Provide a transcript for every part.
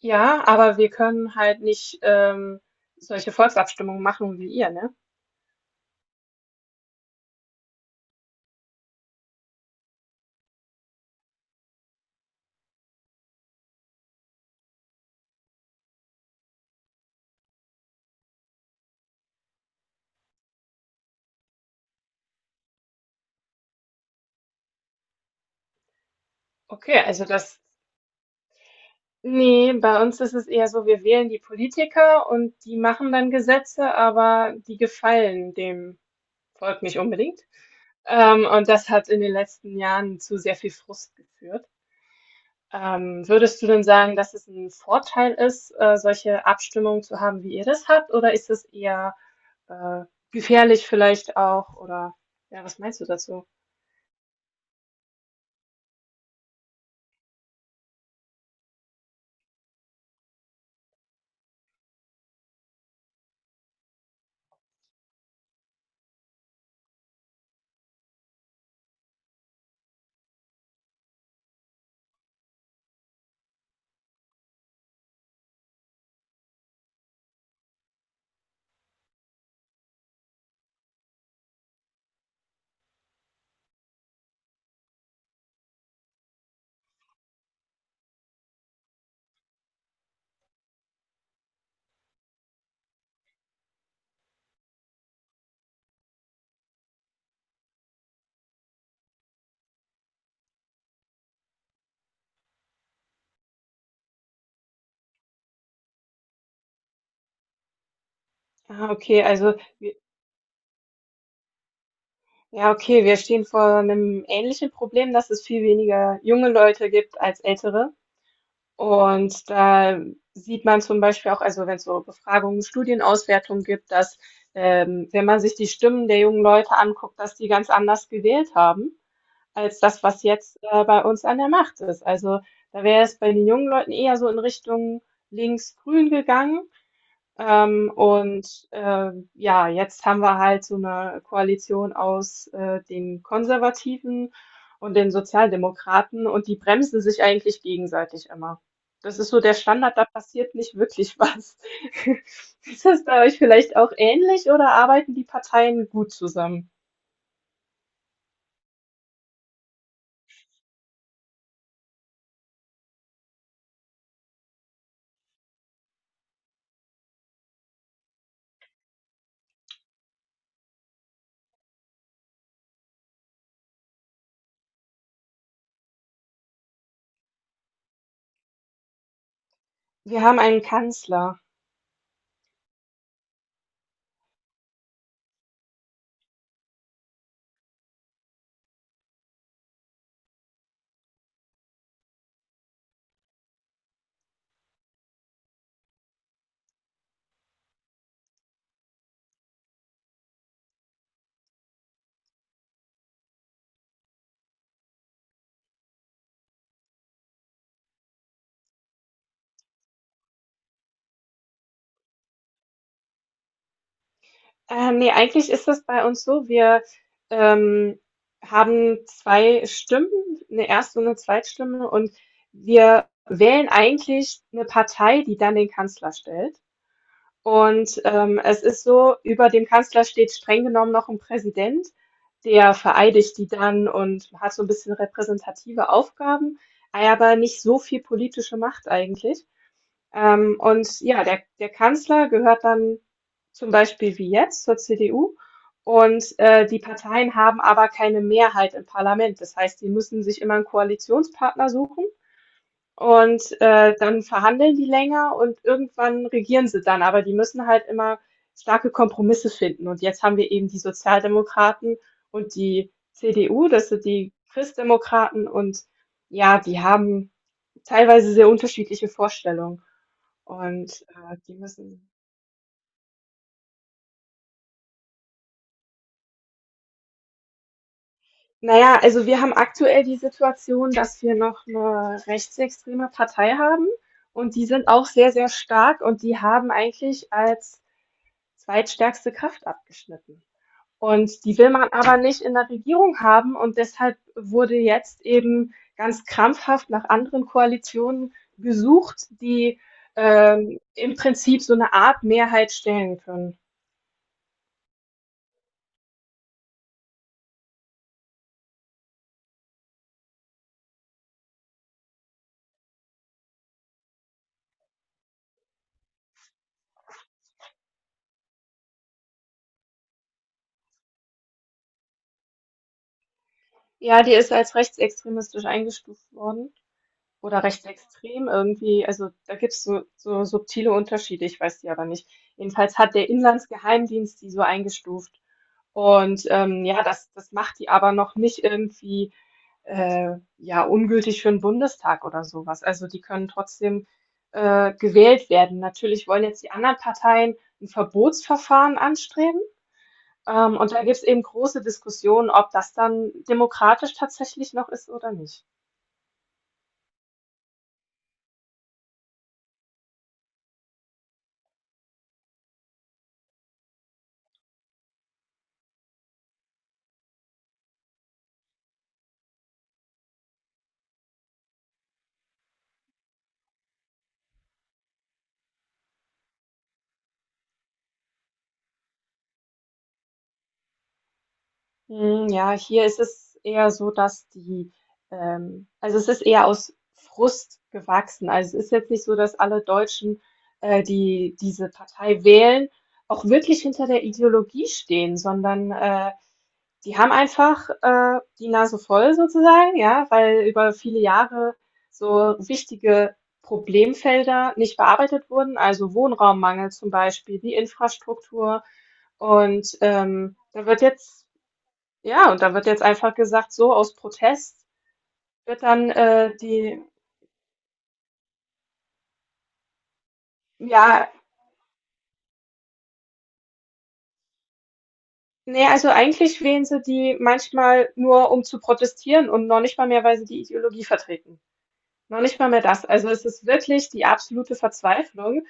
Ja, aber wir können halt nicht solche Volksabstimmungen machen wie ihr, ne? Okay, also nee, bei uns ist es eher so, wir wählen die Politiker und die machen dann Gesetze, aber die gefallen dem Volk nicht unbedingt. Und das hat in den letzten Jahren zu sehr viel Frust geführt. Würdest du denn sagen, dass es ein Vorteil ist, solche Abstimmungen zu haben, wie ihr das habt, oder ist es eher äh, gefährlich vielleicht auch, oder ja, was meinst du dazu? Ah, okay, ja, okay, wir stehen vor einem ähnlichen Problem, dass es viel weniger junge Leute gibt als ältere. Und da sieht man zum Beispiel auch, also wenn es so Befragungen, Studienauswertungen gibt, dass wenn man sich die Stimmen der jungen Leute anguckt, dass die ganz anders gewählt haben als das, was jetzt bei uns an der Macht ist. Also da wäre es bei den jungen Leuten eher so in Richtung links-grün gegangen. Ja, jetzt haben wir halt so eine Koalition aus den Konservativen und den Sozialdemokraten, und die bremsen sich eigentlich gegenseitig immer. Das ist so der Standard, da passiert nicht wirklich was. Ist das bei euch vielleicht auch ähnlich, oder arbeiten die Parteien gut zusammen? Wir haben einen Kanzler. Ne, eigentlich ist das bei uns so, ähm, haben 2 Stimmen, eine Erst und 'ne Zweitstimme, und wir wählen eigentlich eine Partei, die dann den Kanzler stellt. Es ist so, über dem Kanzler steht streng genommen noch ein Präsident, der vereidigt die dann und hat so ein bisschen repräsentative Aufgaben, aber nicht so viel politische Macht eigentlich. Und ja, der Kanzler gehört dann zum Beispiel wie jetzt zur CDU. Und die Parteien haben aber keine Mehrheit im Parlament. Das heißt, die müssen sich immer einen Koalitionspartner suchen, und dann verhandeln die länger, und irgendwann regieren sie dann. Aber die müssen halt immer starke Kompromisse finden. Und jetzt haben wir eben die Sozialdemokraten und die CDU, das sind die Christdemokraten. Und ja, die haben teilweise sehr unterschiedliche Vorstellungen. Und, die müssen Naja, also wir haben aktuell die Situation, dass wir noch eine rechtsextreme Partei haben, und die sind auch sehr, sehr stark, und die haben eigentlich als zweitstärkste Kraft abgeschnitten. Und die will man aber nicht in der Regierung haben, und deshalb wurde jetzt eben ganz krampfhaft nach anderen Koalitionen gesucht, im Prinzip so eine Art Mehrheit stellen können. Ja, die ist als rechtsextremistisch eingestuft worden. Oder rechtsextrem irgendwie. Also da gibt's so, so subtile Unterschiede, ich weiß die aber nicht. Jedenfalls hat der Inlandsgeheimdienst die so eingestuft. Und ja, das macht die aber noch nicht irgendwie äh, ja, ungültig für den Bundestag oder sowas. Also die können trotzdem gewählt werden. Natürlich wollen jetzt die anderen Parteien ein Verbotsverfahren anstreben. Und da gibt es eben große Diskussionen, ob das dann demokratisch tatsächlich noch ist oder nicht. Hm, ja, hier ist es eher so, also es ist eher aus Frust gewachsen. Also es ist jetzt nicht so, dass alle Deutschen, die diese Partei wählen, auch wirklich hinter der Ideologie stehen, sondern die haben einfach die Nase voll sozusagen, ja, weil über viele Jahre so wichtige Problemfelder nicht bearbeitet wurden, also Wohnraummangel zum Beispiel, die Infrastruktur, und da wird jetzt, ja, und da wird jetzt einfach gesagt, so aus Protest wird dann ja, nee, also eigentlich wählen sie die manchmal nur, um zu protestieren, und noch nicht mal mehr, weil sie die Ideologie vertreten. Noch nicht mal mehr das. Also es ist wirklich die absolute Verzweiflung.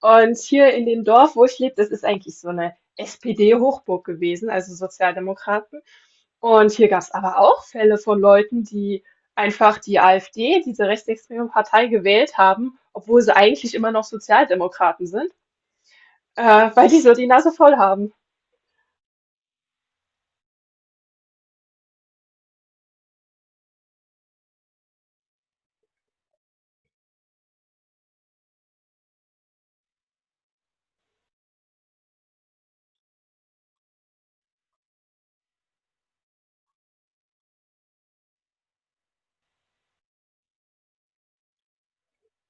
Und hier in dem Dorf, wo ich lebe, das ist eigentlich so eine SPD-Hochburg gewesen, also Sozialdemokraten. Und hier gab es aber auch Fälle von Leuten, die einfach die AfD, diese rechtsextreme Partei, gewählt haben, obwohl sie eigentlich immer noch Sozialdemokraten sind, weil die so die Nase voll haben.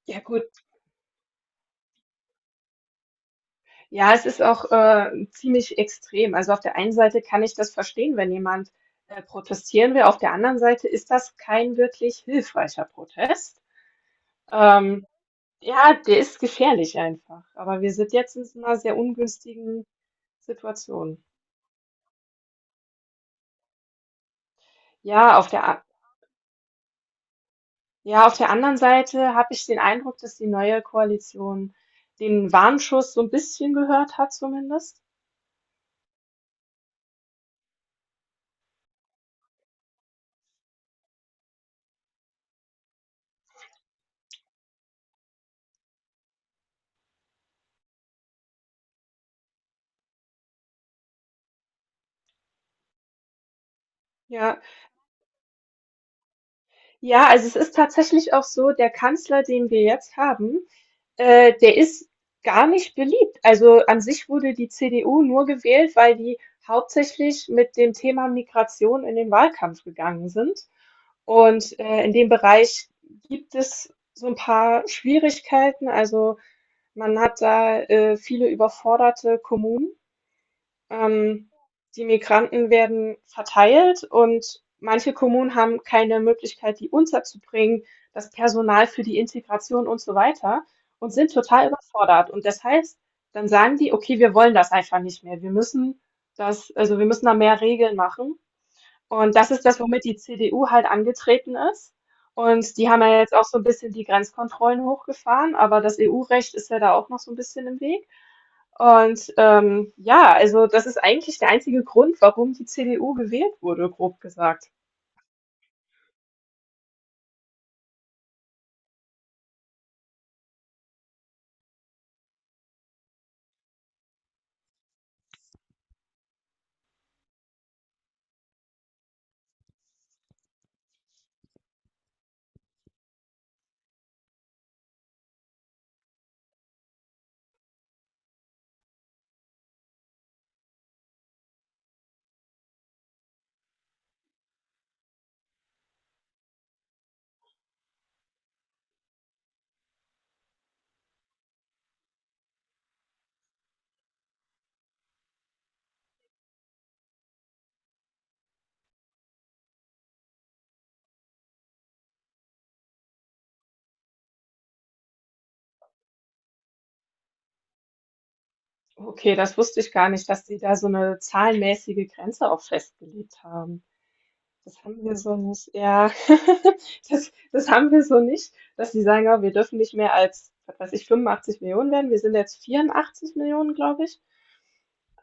Ja gut, ja, es ist auch ziemlich extrem. Also auf der einen Seite kann ich das verstehen, wenn jemand protestieren will. Auf der anderen Seite ist das kein wirklich hilfreicher Protest. Ähm, ja, der ist gefährlich einfach. Aber wir sind jetzt in so einer sehr ungünstigen Situation. Ja, auf der, Ja, auf der anderen Seite habe ich den Eindruck, dass die neue Koalition den Warnschuss so ein bisschen gehört hat zumindest. Ja. Ja, also, es ist tatsächlich auch so, der Kanzler, den wir jetzt haben, der ist gar nicht beliebt. Also, an sich wurde die CDU nur gewählt, weil die hauptsächlich mit dem Thema Migration in den Wahlkampf gegangen sind. In dem Bereich gibt es so ein paar Schwierigkeiten. Also, man hat da viele überforderte Kommunen. Ähm, Die Migranten werden verteilt, und manche Kommunen haben keine Möglichkeit, die unterzubringen, das Personal für die Integration und so weiter, und sind total überfordert. Und das heißt, dann sagen die, okay, wir wollen das einfach nicht mehr. Wir müssen das, also wir müssen da mehr Regeln machen. Und das ist das, womit die CDU halt angetreten ist. Und die haben ja jetzt auch so ein bisschen die Grenzkontrollen hochgefahren, aber das EU-Recht ist ja da auch noch so ein bisschen im Weg. Und ja, also das ist eigentlich der einzige Grund, warum die CDU gewählt wurde, grob gesagt. Okay, das wusste ich gar nicht, dass die da so eine zahlenmäßige Grenze auch festgelegt haben. Das haben wir so nicht, ja. Das haben wir so nicht, dass die sagen: „Ah, wir dürfen nicht mehr als, was weiß ich, 85 Millionen werden. Wir sind jetzt 84 Millionen, glaube ich.“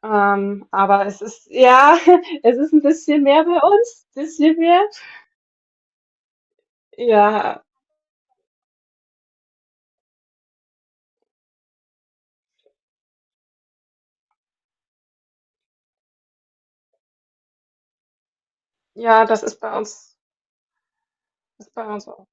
Aber es ist ja, es ist ein bisschen mehr bei uns, bisschen mehr. Ja, ja, das ist bei uns. Das ist bei uns auch.